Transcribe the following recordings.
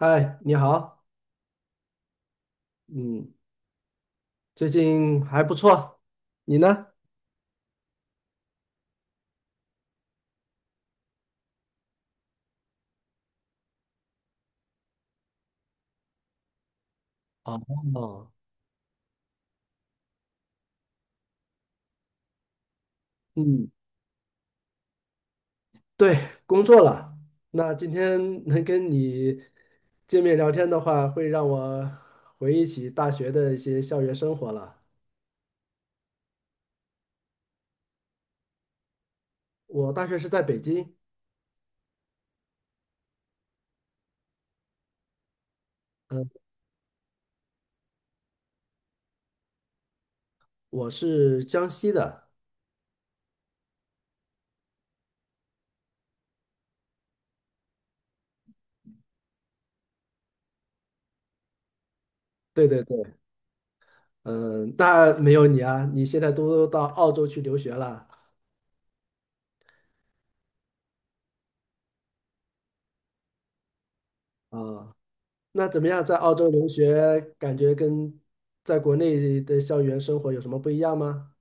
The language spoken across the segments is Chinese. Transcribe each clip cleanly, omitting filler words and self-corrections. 嗨，你好。嗯。最近还不错，你呢？哦。哦。嗯，对，工作了。那今天能跟你见面聊天的话，会让我回忆起大学的一些校园生活了。我大学是在北京。嗯。我是江西的。对对对。嗯，那没有你啊，你现在都到澳洲去留学了啊。那怎么样，在澳洲留学，感觉跟在国内的校园生活有什么不一样吗？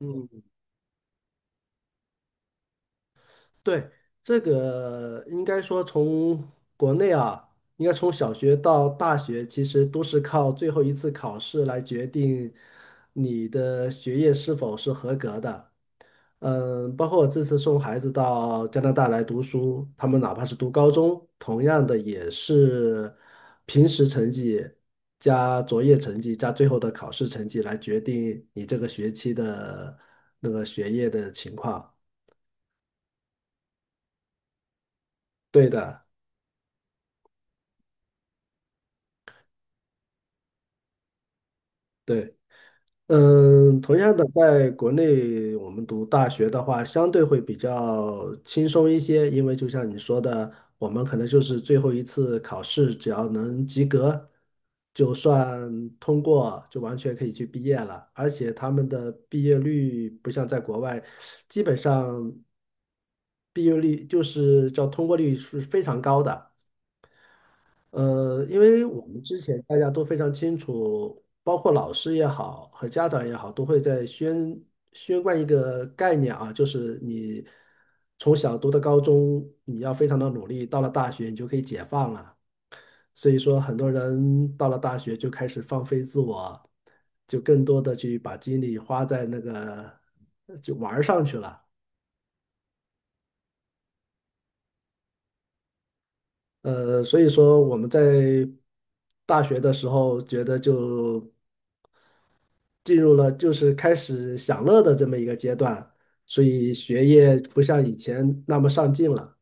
嗯。对。这个应该说从国内啊，应该从小学到大学，其实都是靠最后一次考试来决定你的学业是否是合格的。嗯，包括我这次送孩子到加拿大来读书，他们哪怕是读高中，同样的也是平时成绩加作业成绩加最后的考试成绩来决定你这个学期的那个学业的情况。对的。对。嗯，同样的，在国内我们读大学的话，相对会比较轻松一些，因为就像你说的，我们可能就是最后一次考试，只要能及格，就算通过，就完全可以去毕业了。而且他们的毕业率不像在国外，基本上毕业率就是叫通过率是非常高的。因为我们之前大家都非常清楚，包括老师也好和家长也好，都会在宣贯一个概念啊，就是你从小读到高中，你要非常的努力，到了大学你就可以解放了。所以说，很多人到了大学就开始放飞自我，就更多的去把精力花在那个就玩儿上去了。所以说我们在大学的时候觉得就。进入了就是开始享乐的这么一个阶段，所以学业不像以前那么上进了。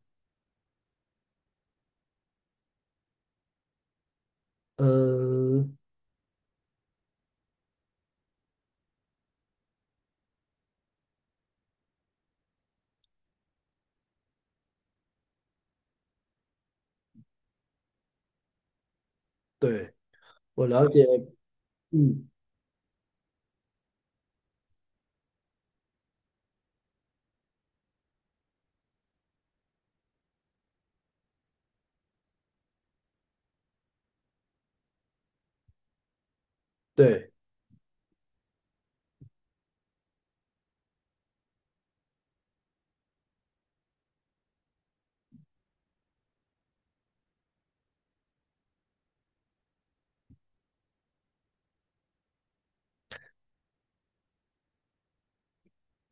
嗯，对，我了解。嗯。对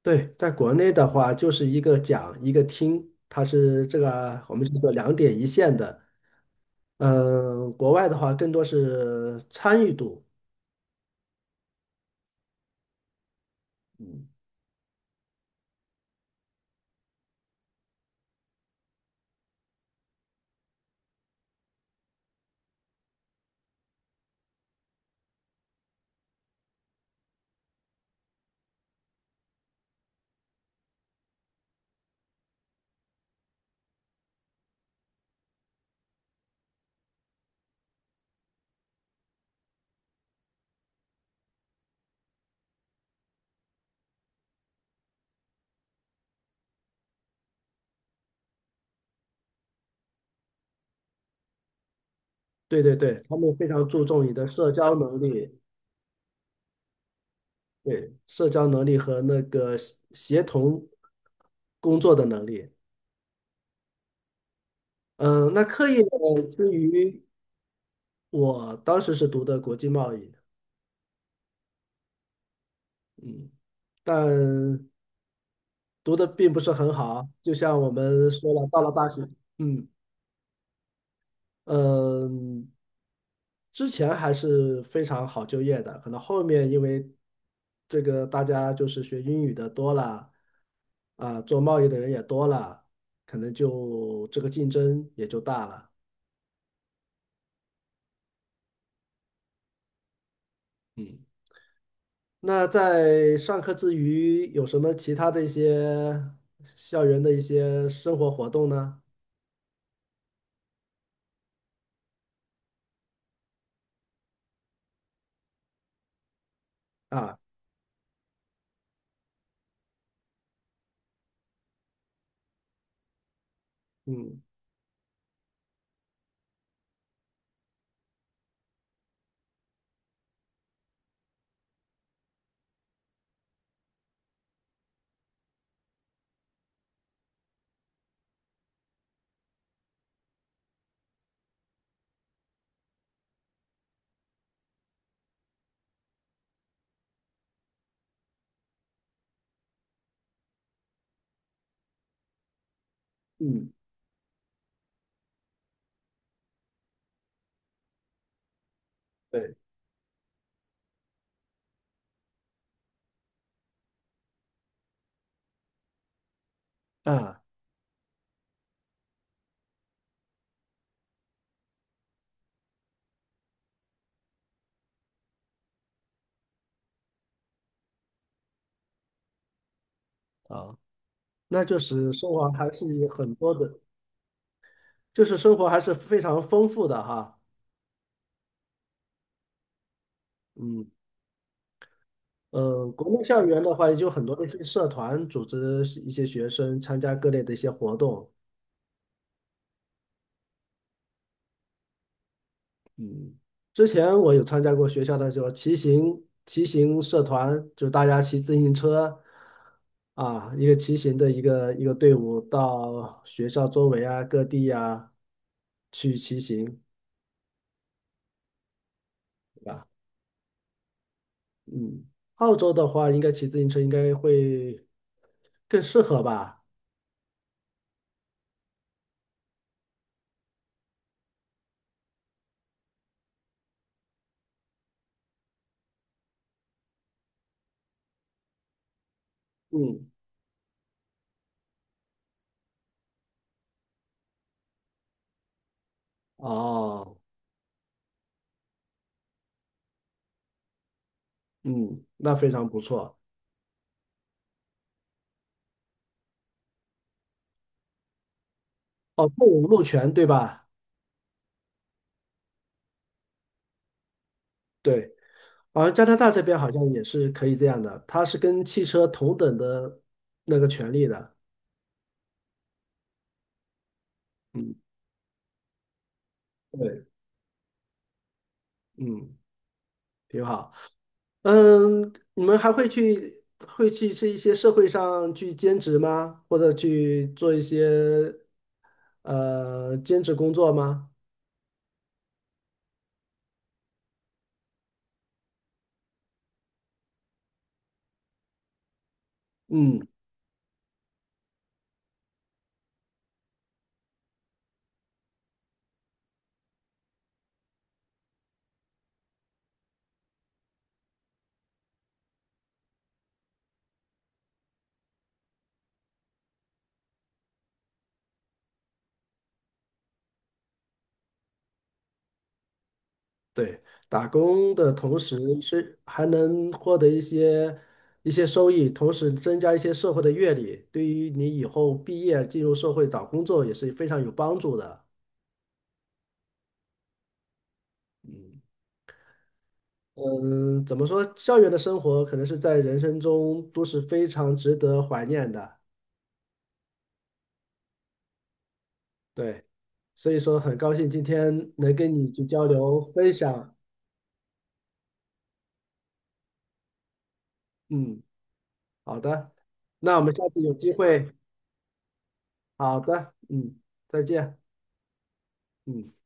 对，在国内的话就是一个讲一个听，它是这个我们叫做两点一线的。嗯，国外的话更多是参与度。对对对，他们非常注重你的社交能力。对，社交能力和那个协同工作的能力。嗯，那课业之余，我当时是读的国际贸易。嗯。但读的并不是很好。就像我们说了，到了大学。嗯嗯。之前还是非常好就业的，可能后面因为这个大家就是学英语的多了。啊，做贸易的人也多了，可能就这个竞争也就大了。嗯。那在上课之余，有什么其他的一些校园的一些生活活动呢？啊。嗯嗯。对。啊。好，那就是生活还是有很多的，就是生活还是非常丰富的哈。嗯。国内校园的话，也就很多的社团组织一些学生参加各类的一些活动。嗯，之前我有参加过学校的就是骑行社团，就是大家骑自行车啊，一个骑行的一个队伍到学校周围啊、各地呀去骑行，对吧？嗯，澳洲的话，应该骑自行车应该会更适合吧？嗯。哦。嗯，那非常不错。哦，动物路权对吧？对。而加拿大这边好像也是可以这样的，它是跟汽车同等的那个权利的。嗯，对。嗯，挺好。嗯，你们还会会去这一些社会上去兼职吗？或者去做一些兼职工作吗？嗯，对，打工的同时是还能获得一些一些收益，同时增加一些社会的阅历，对于你以后毕业进入社会找工作也是非常有帮助的。嗯，怎么说？校园的生活可能是在人生中都是非常值得怀念的。对。所以说，很高兴今天能跟你去交流分享。嗯，好的，那我们下次有机会。好的，嗯，再见。嗯。